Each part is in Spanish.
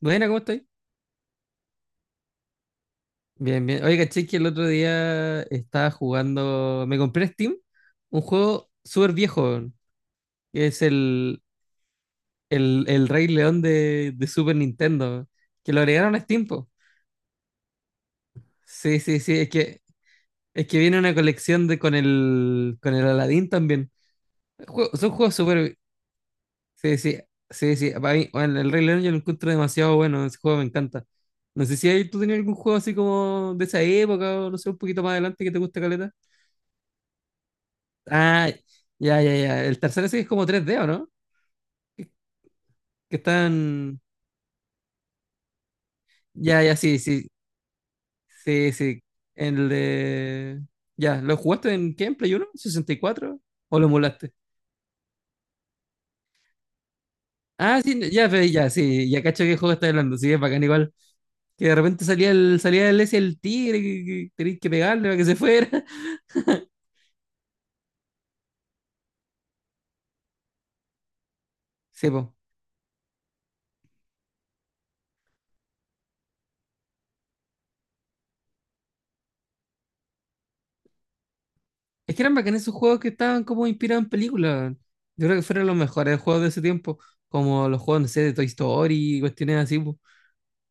Buena, ¿cómo estáis? Bien, bien. Oye, caché que el otro día estaba jugando. Me compré en Steam un juego súper viejo, weón, que es el Rey León de Super Nintendo, que lo agregaron a Steam, po. Sí, sí, sí. Es que viene una colección de, con el Aladdin también. Son juegos súper. Sí, sí, sí, sí. Para mí, bueno, el Rey León yo lo encuentro demasiado bueno. Ese juego me encanta. No sé si ahí tú tenías algún juego así como de esa época o no sé, un poquito más adelante que te gusta, caleta. Ah, ya, ya, ya. El tercero sí es como tres d, ¿o no? Que, que están. Ya, ya, sí, sí. Sí, sí. El de. Ya, ¿lo jugaste en qué? ¿En Play uno? ¿Sesenta y cuatro? ¿O lo emulaste? Ah, sí, ya, ya, sí. Ya cacho qué juego está hablando. Sí, es bacán igual. Que de repente salía el ese el tigre, que tenías que pegarle para que se fuera. Sí, po. Es que eran bacanes esos juegos que estaban como inspirados en películas. Yo creo que fueron los mejores juegos de ese tiempo. Como los juegos, no sé, de Toy Story y cuestiones así.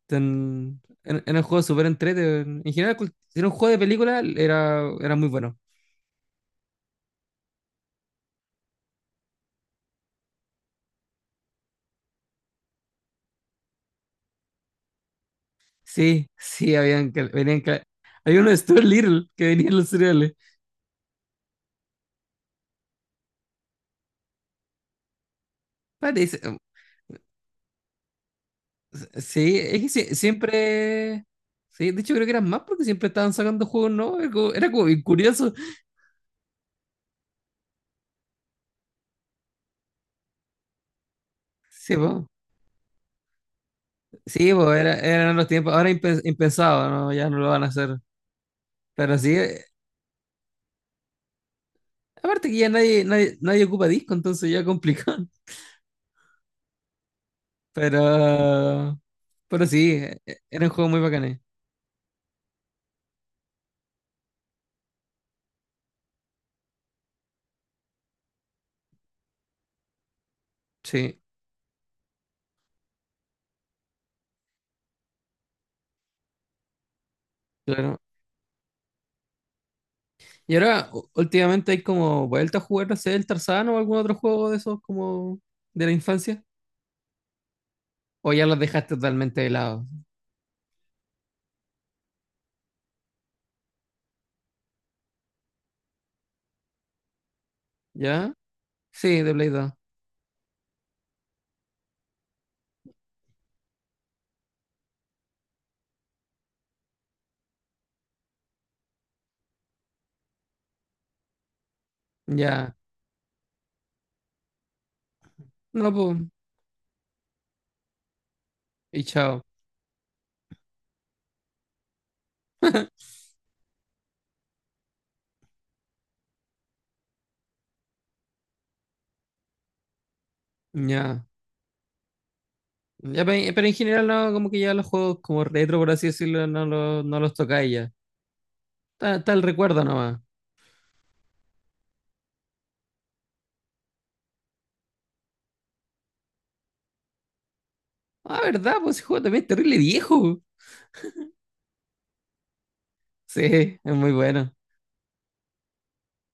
En el juego súper entrete. En general, si era un juego de película, era, era muy bueno. Sí, sí, habían, venían, había uno de Stuart Little que venía en los cereales. Parece, sí, es que siempre, sí, de hecho creo que eran más porque siempre estaban sacando juegos, no era como, era como bien curioso. Sí, po. Sí, po, eran los tiempos, ahora impensado, ¿no? Ya no lo van a hacer. Pero sí, aparte que ya nadie, nadie, nadie ocupa disco, entonces ya complicado. Pero Pero sí, eran juegos muy bacanes. Sí, claro. Y ahora, últimamente hay como vuelta a jugar, no sé, el Tarzán o algún otro juego de esos como de la infancia. O ya los dejaste totalmente de lado. ¿Ya? Sí, de Play 2. Ya. No, pues. Y chao. Ya. Ya, pero en general no, como que ya los juegos como retro, por así decirlo, no, no los tocáis ya. Está, está el recuerdo nomás. Ah, ¿verdad? Pues ese juego también es terrible viejo. Sí, es muy bueno.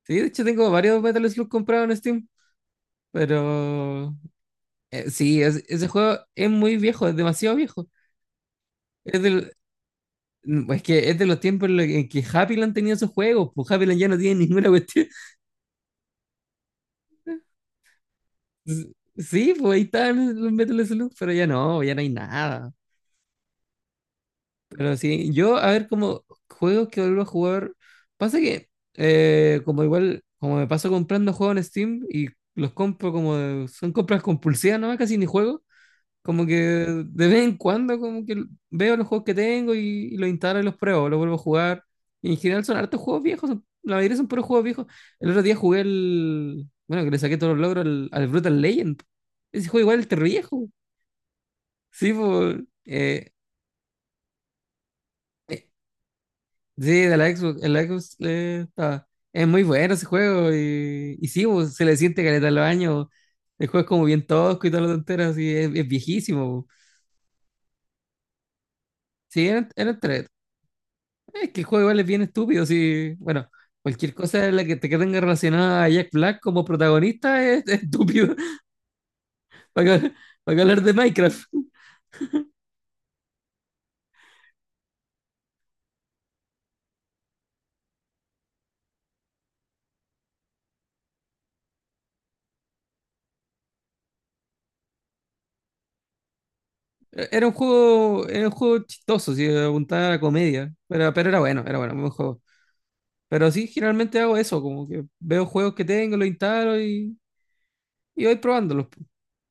Sí, de hecho tengo varios Metal Slug comprados en Steam. Pero sí, ese juego es muy viejo, es demasiado viejo. Es del, es que es de los tiempos en los que en que Happyland tenía sus juegos, pues Happyland ya no tiene ninguna cuestión. Sí, pues ahí están los Metal Slug, pero ya no, ya no hay nada. Pero sí, yo a ver como juegos que vuelvo a jugar. Pasa que, como igual, como me paso comprando juegos en Steam y los compro son compras compulsivas nomás, casi ni juego. Como que de vez en cuando como que veo los juegos que tengo y los instalo y los pruebo, los vuelvo a jugar. Y en general son hartos juegos viejos, la mayoría son puros juegos viejos. El otro día jugué el... Bueno, que le saqué todos los logros al, al Brutal Legend. Ese juego igual es terrible viejo. Sí, pues... eh, eh, sí, de la Xbox. El Xbox es muy bueno ese juego y sí, pues, se le siente caleta a los años. El juego es como bien tosco y todas las tonteras y es viejísimo, pues. Sí, eran, eran, es que el juego igual es bien estúpido, sí. Bueno, cualquier cosa en la que te que tenga relacionada a Jack Black como protagonista es estúpido. Para, que- para que hablar de Minecraft. Era un juego chistoso, sí, apuntaba a la comedia. Pero era bueno, buen juego. Pero sí, generalmente hago eso, como que veo juegos que tengo, los instalo y voy probándolos.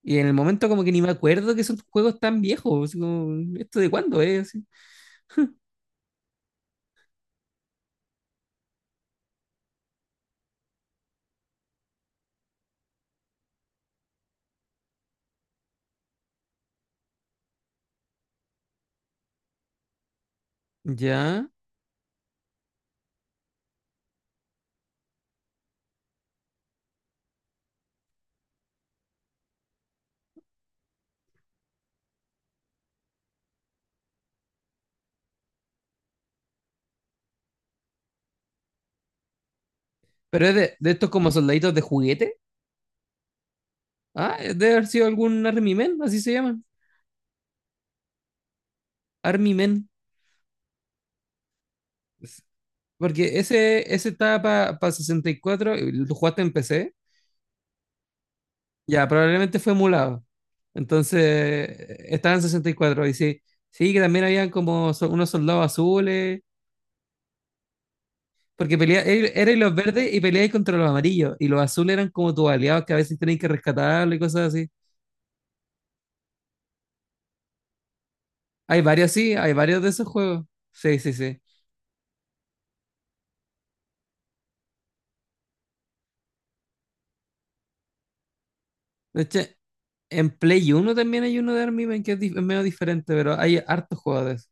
Y en el momento como que ni me acuerdo que son juegos tan viejos, así como, ¿esto de cuándo es? Así. Ya. Pero es de estos como soldaditos de juguete. Ah, debe haber sido algún Army Men, así se llaman. Army Men. Es- Porque ese estaba para 64, y cuatro, y lo jugaste en PC. Ya, probablemente fue emulado. Entonces, estaba en 64. Y cuatro. Y sí, sí, que también habían unos soldados azules. Porque pelea, erais los verdes y peleáis contra los amarillos. Y los azules eran como tus aliados que a veces tenéis que rescatarlo y cosas así. Hay varios, sí, hay varios de esos juegos. Sí, sí, sí. De hecho, en Play uno también hay uno de Army Men que es, es medio diferente, pero hay hartos juegos de eso.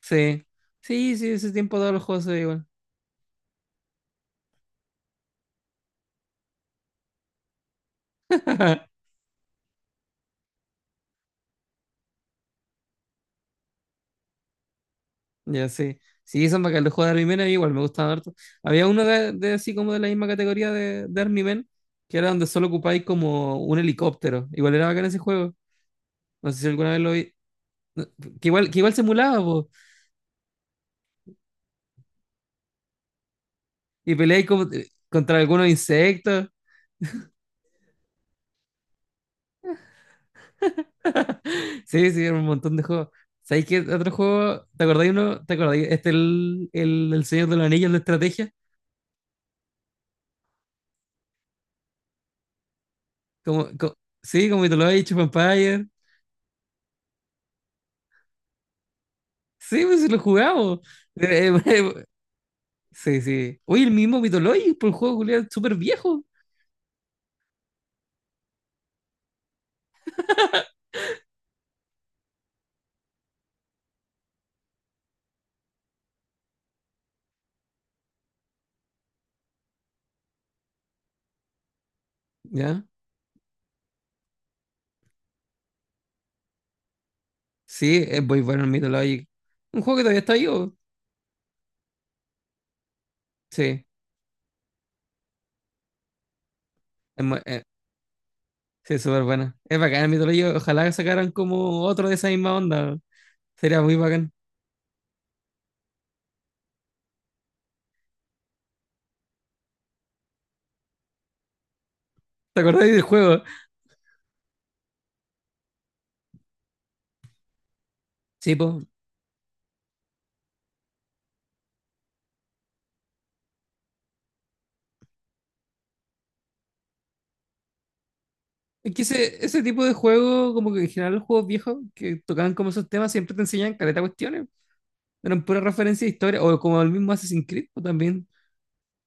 Sí, sí, sí, ese tiempo todos los juegos son igual. Ya, sí. Sí, son bacanes. Los juegos de Army Men a mí igual me gustaban harto. Había uno de así como de la misma categoría de Army Men, que era donde solo ocupáis como un helicóptero. Igual era bacán ese juego. No sé si alguna vez lo vi. Que igual simulaba, po. Y peleáis como, contra algunos insectos. Sí, sí, era un montón de juegos. ¿Sabéis qué otro juego? ¿Te acordáis uno? ¿Te acordáis? Este el Señor de los Anillos de estrategia. Como, co- sí, como te lo he dicho, Empire. Sí, pues sí lo jugamos. Eh, eh, sí, sí. Oye, el mismo Mythologic, por el juego culiao, súper viejo. ¿Ya? Sí, es muy bueno el Mythologic. Un juego que todavía está vivo. Sí, es mu- eh, sí, es súper bueno. Es bacán el Mythologic. Ojalá sacaran como otro de esa misma onda. Sería muy bacán. ¿Te acordáis del juego? Sí, pues, es que ese tipo de juego, como que en general los juegos viejos que tocaban como esos temas, siempre te enseñan caleta de cuestiones. Eran pura referencia de historia, o como el mismo Assassin's Creed, o también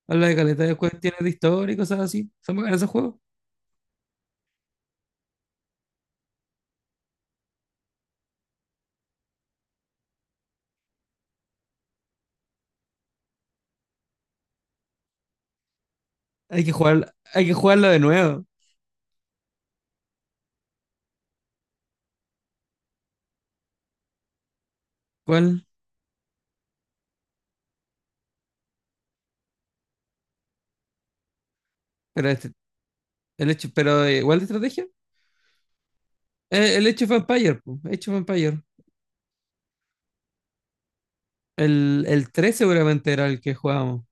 habla de caleta de cuestiones de historia y cosas así. Son bacanas esos juegos. Hay que jugar, hay que jugarlo de nuevo. ¿Cuál? Pero este, el hecho, pero igual de estrategia. El hecho of Empire, po, Age of Empire. El 3 seguramente era el que jugábamos.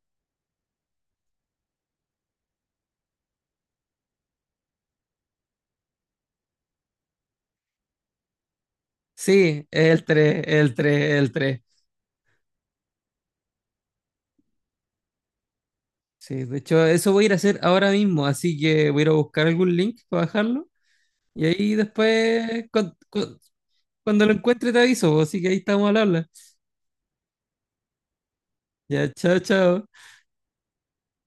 Sí, el tres. Sí, de hecho, eso voy a ir a hacer ahora mismo, así que voy a ir a buscar algún link para bajarlo. Y ahí después, cuando lo encuentre, te aviso, pues, así que ahí estamos al habla. Ya, chao, chao.